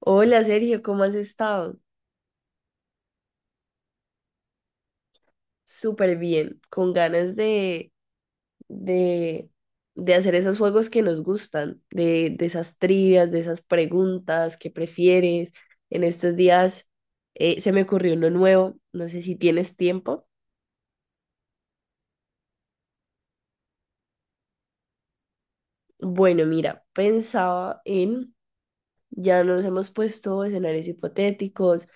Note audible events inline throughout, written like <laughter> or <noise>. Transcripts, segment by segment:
Hola Sergio, ¿cómo has estado? Súper bien, con ganas de, de hacer esos juegos que nos gustan, de esas trivias, de esas preguntas, ¿qué prefieres? En estos días se me ocurrió uno nuevo, no sé si tienes tiempo. Bueno, mira, ya nos hemos puesto escenarios hipotéticos,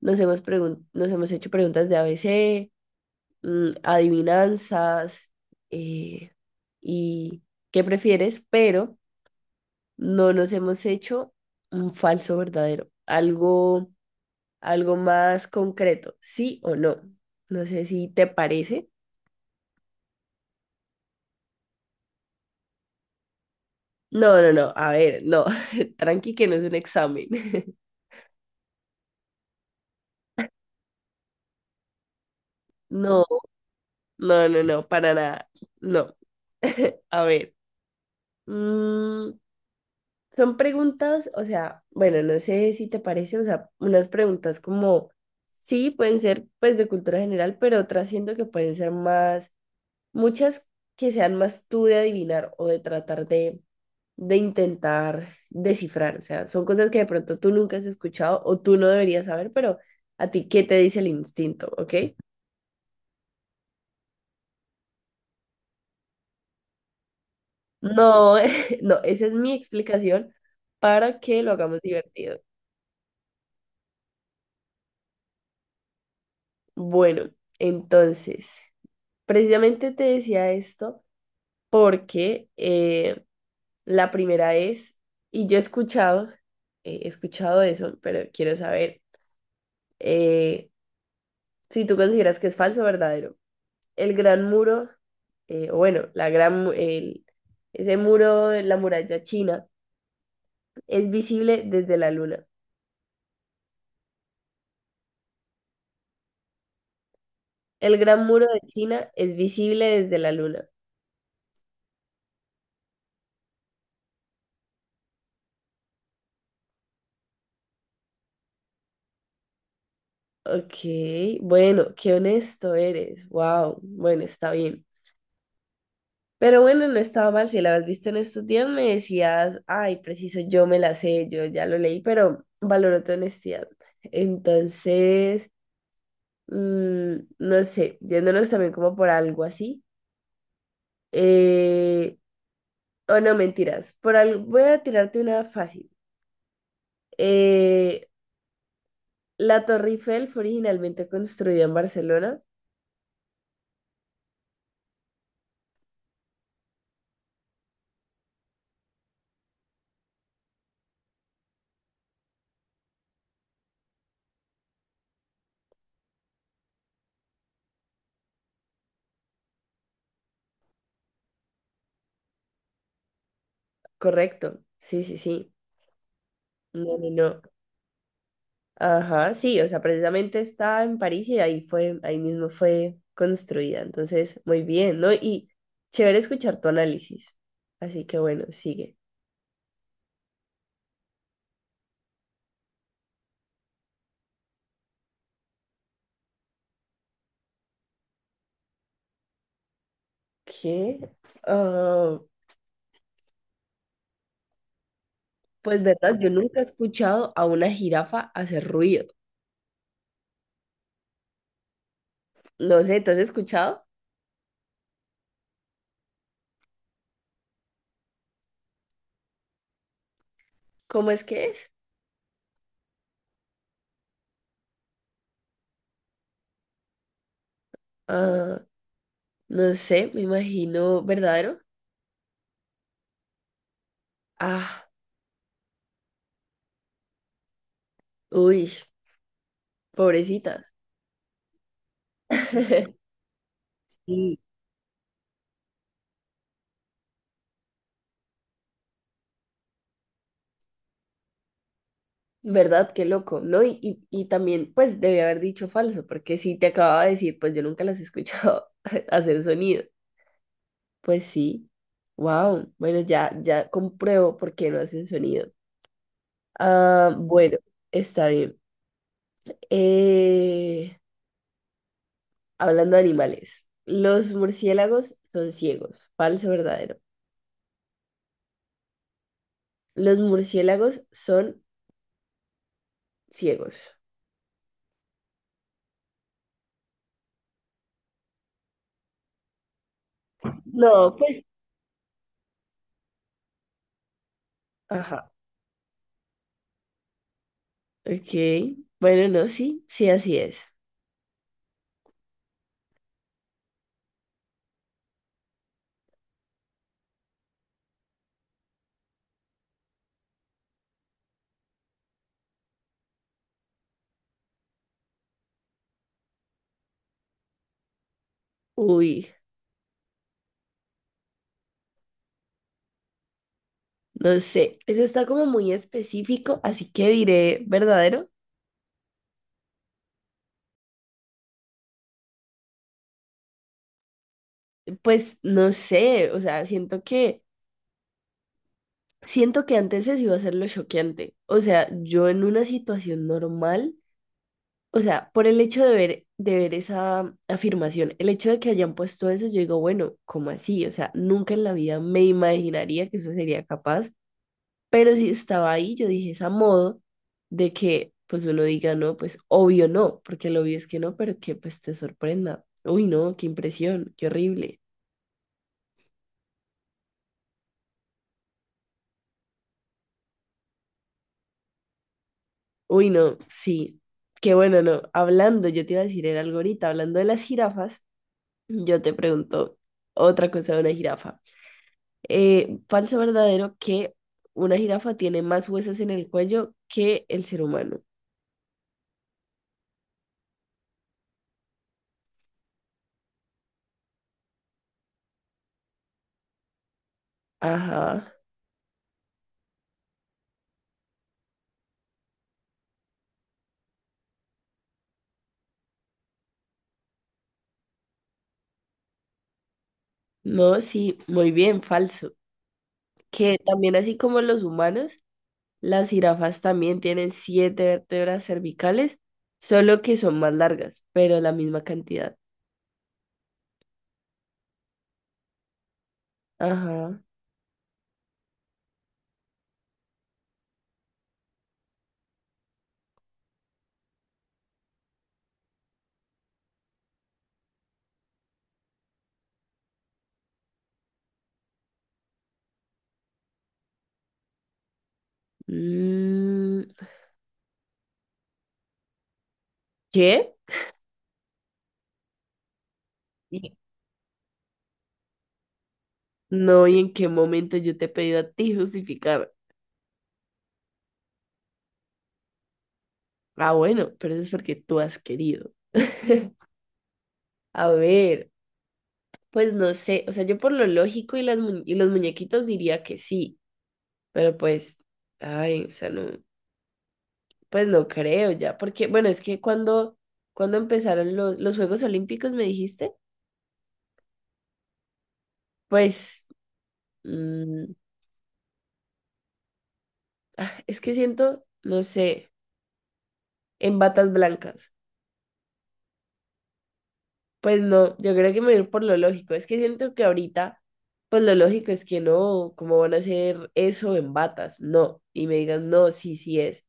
nos hemos hecho preguntas de a ABC. Adivinanzas eh, y qué prefieres, pero no nos hemos hecho un falso verdadero, algo más concreto, sí o no. No sé si te parece. No, no, no, a ver, no, <laughs> tranqui que no es un examen. <laughs> No, no, no, no, para nada, no. <laughs> A ver, mm, son preguntas, o sea, bueno, no sé si te parece, o sea, unas preguntas como, sí, pueden ser pues de cultura general, pero otras siento que pueden ser más, muchas que sean más tú de adivinar o de de intentar descifrar, o sea, son cosas que de pronto tú nunca has escuchado o tú no deberías saber, pero a ti, ¿qué te dice el instinto? ¿Ok? No, <laughs> no, esa es mi explicación para que lo hagamos divertido. Bueno, entonces... Precisamente te decía esto porque la primera es, y yo he escuchado eso, pero quiero saber eh, si tú consideras que es falso o verdadero. El gran muro, o bueno, la gran, mu- el- Ese muro de la muralla china es visible desde la luna. El gran muro de China es visible desde la luna. Ok, bueno, qué honesto eres. Wow, bueno, está bien. Pero bueno, no estaba mal. Si la habías visto en estos días, me decías, ay, preciso, yo me la sé, yo ya lo leí, pero valoro tu honestidad. Entonces, no sé, yéndonos también como por algo así. eh, o no, mentiras. Por algo, voy a tirarte una fácil. Eh, la Torre Eiffel fue originalmente construida en Barcelona. Correcto. Sí, sí, sí. No, no, no. Ajá, sí, o sea, precisamente está en París y ahí fue, ahí mismo fue construida. Entonces, muy bien, ¿no? Y chévere escuchar tu análisis. Así que bueno, sigue. ¿Qué? Ah, pues verdad, yo nunca he escuchado a una jirafa hacer ruido. No sé, ¿tú has escuchado? ¿Cómo es que es? Ah, no sé, me imagino verdadero. Ah, uy, pobrecitas. <laughs> Sí. ¿Verdad? Qué loco, ¿no? Y también, pues, debí haber dicho falso, porque si te acababa de decir, pues yo nunca las he escuchado <laughs> hacer sonido. Pues sí. Wow. Bueno, ya, ya compruebo por qué no hacen sonido. Ah, bueno, está bien. Eh, Hablando de animales, los murciélagos son ciegos. Falso, verdadero. Los murciélagos son ciegos. No, pues, ajá. Ok. Bueno, no, sí, sí, así es. Uy. No sé, eso está como muy específico, así que diré verdadero. Pues no sé, o sea, siento que antes se iba a ser lo choqueante. O sea, yo en una situación normal, o sea, por el hecho de ver esa afirmación, el hecho de que hayan puesto eso, yo digo, bueno, ¿cómo así? O sea, nunca en la vida me imaginaría que eso sería capaz. Pero si estaba ahí, yo dije, es a modo de que pues uno diga no, pues obvio no, porque lo obvio es que no, pero que pues te sorprenda. Uy, no, qué impresión, qué horrible. Uy, no, sí. Qué bueno, no. Hablando, yo te iba a decir, era algo ahorita, hablando de las jirafas, yo te pregunto otra cosa de una jirafa. Falso o verdadero que una jirafa tiene más huesos en el cuello que el ser humano. Ajá. No, sí, muy bien, falso. Que también así como los humanos, las jirafas también tienen siete vértebras cervicales, solo que son más largas, pero la misma cantidad. Ajá. Mm, ¿qué? Y- No, ¿y en qué momento yo te he pedido a ti justificar? Ah, bueno, pero eso es porque tú has querido. A ver, pues no sé, o sea, yo por lo lógico y, los muñequitos diría que sí, pero pues, ay, o sea, no, pues no creo ya, porque, bueno, es que cuando empezaron los Juegos Olímpicos, me dijiste, pues... Mm, es que siento, no sé, en batas blancas. Pues no, yo creo que me voy a ir por lo lógico. Es que siento que ahorita, pues lo lógico es que no, ¿cómo van a hacer eso en batas? No. Y me digan, no, sí, sí es.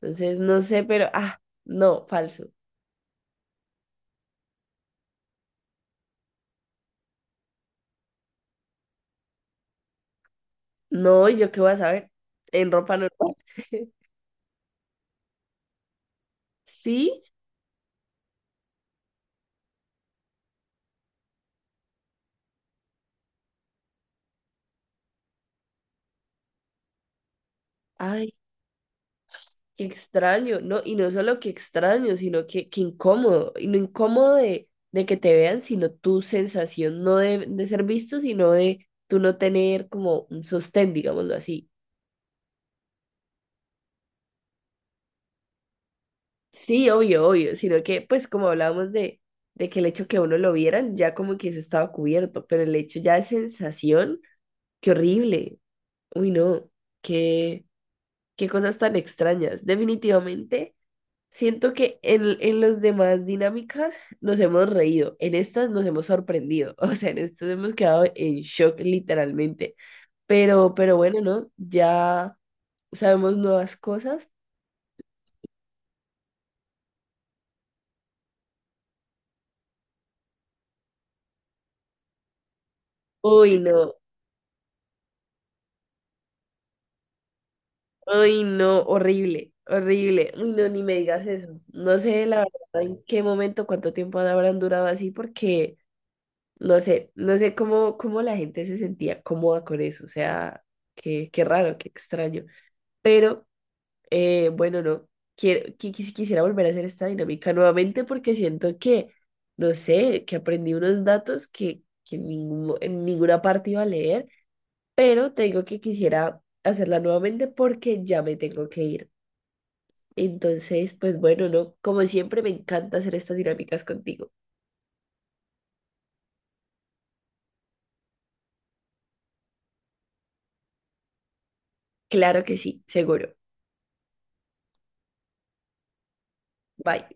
Entonces, no sé, pero, ah, no, falso. No, ¿y yo qué voy a saber? En ropa normal. <laughs> ¿Sí? Ay, qué extraño, ¿no? Y no solo que extraño, sino que incómodo. Y no incómodo de que te vean, sino tu sensación no de ser visto, sino de tú no tener como un sostén, digámoslo así. Sí, obvio, obvio, sino que pues como de que el hecho que a uno lo vieran, ya como que eso estaba cubierto, pero el hecho ya de sensación, qué horrible. Uy, no, qué, qué cosas tan extrañas. Definitivamente. Siento que en las demás dinámicas nos hemos reído, en estas nos hemos sorprendido, <laughs> o sea, en estas hemos quedado en shock literalmente, pero bueno, ¿no? Ya sabemos nuevas cosas. Uy, no, uy, no, horrible, horrible, uy, no, ni me digas eso. No sé la verdad en qué momento, cuánto tiempo habrán durado así, porque no sé, no sé cómo la gente se sentía cómoda con eso, o sea, qué raro, qué extraño, pero... Bueno, no. Quisiera volver a hacer esta dinámica nuevamente porque siento que, no sé, que aprendí unos datos que en ninguna parte iba a leer, pero te digo que quisiera hacerla nuevamente porque ya me tengo que ir. Entonces, pues bueno, no. Como siempre, me encanta hacer estas dinámicas contigo. Claro que sí, seguro. Bye.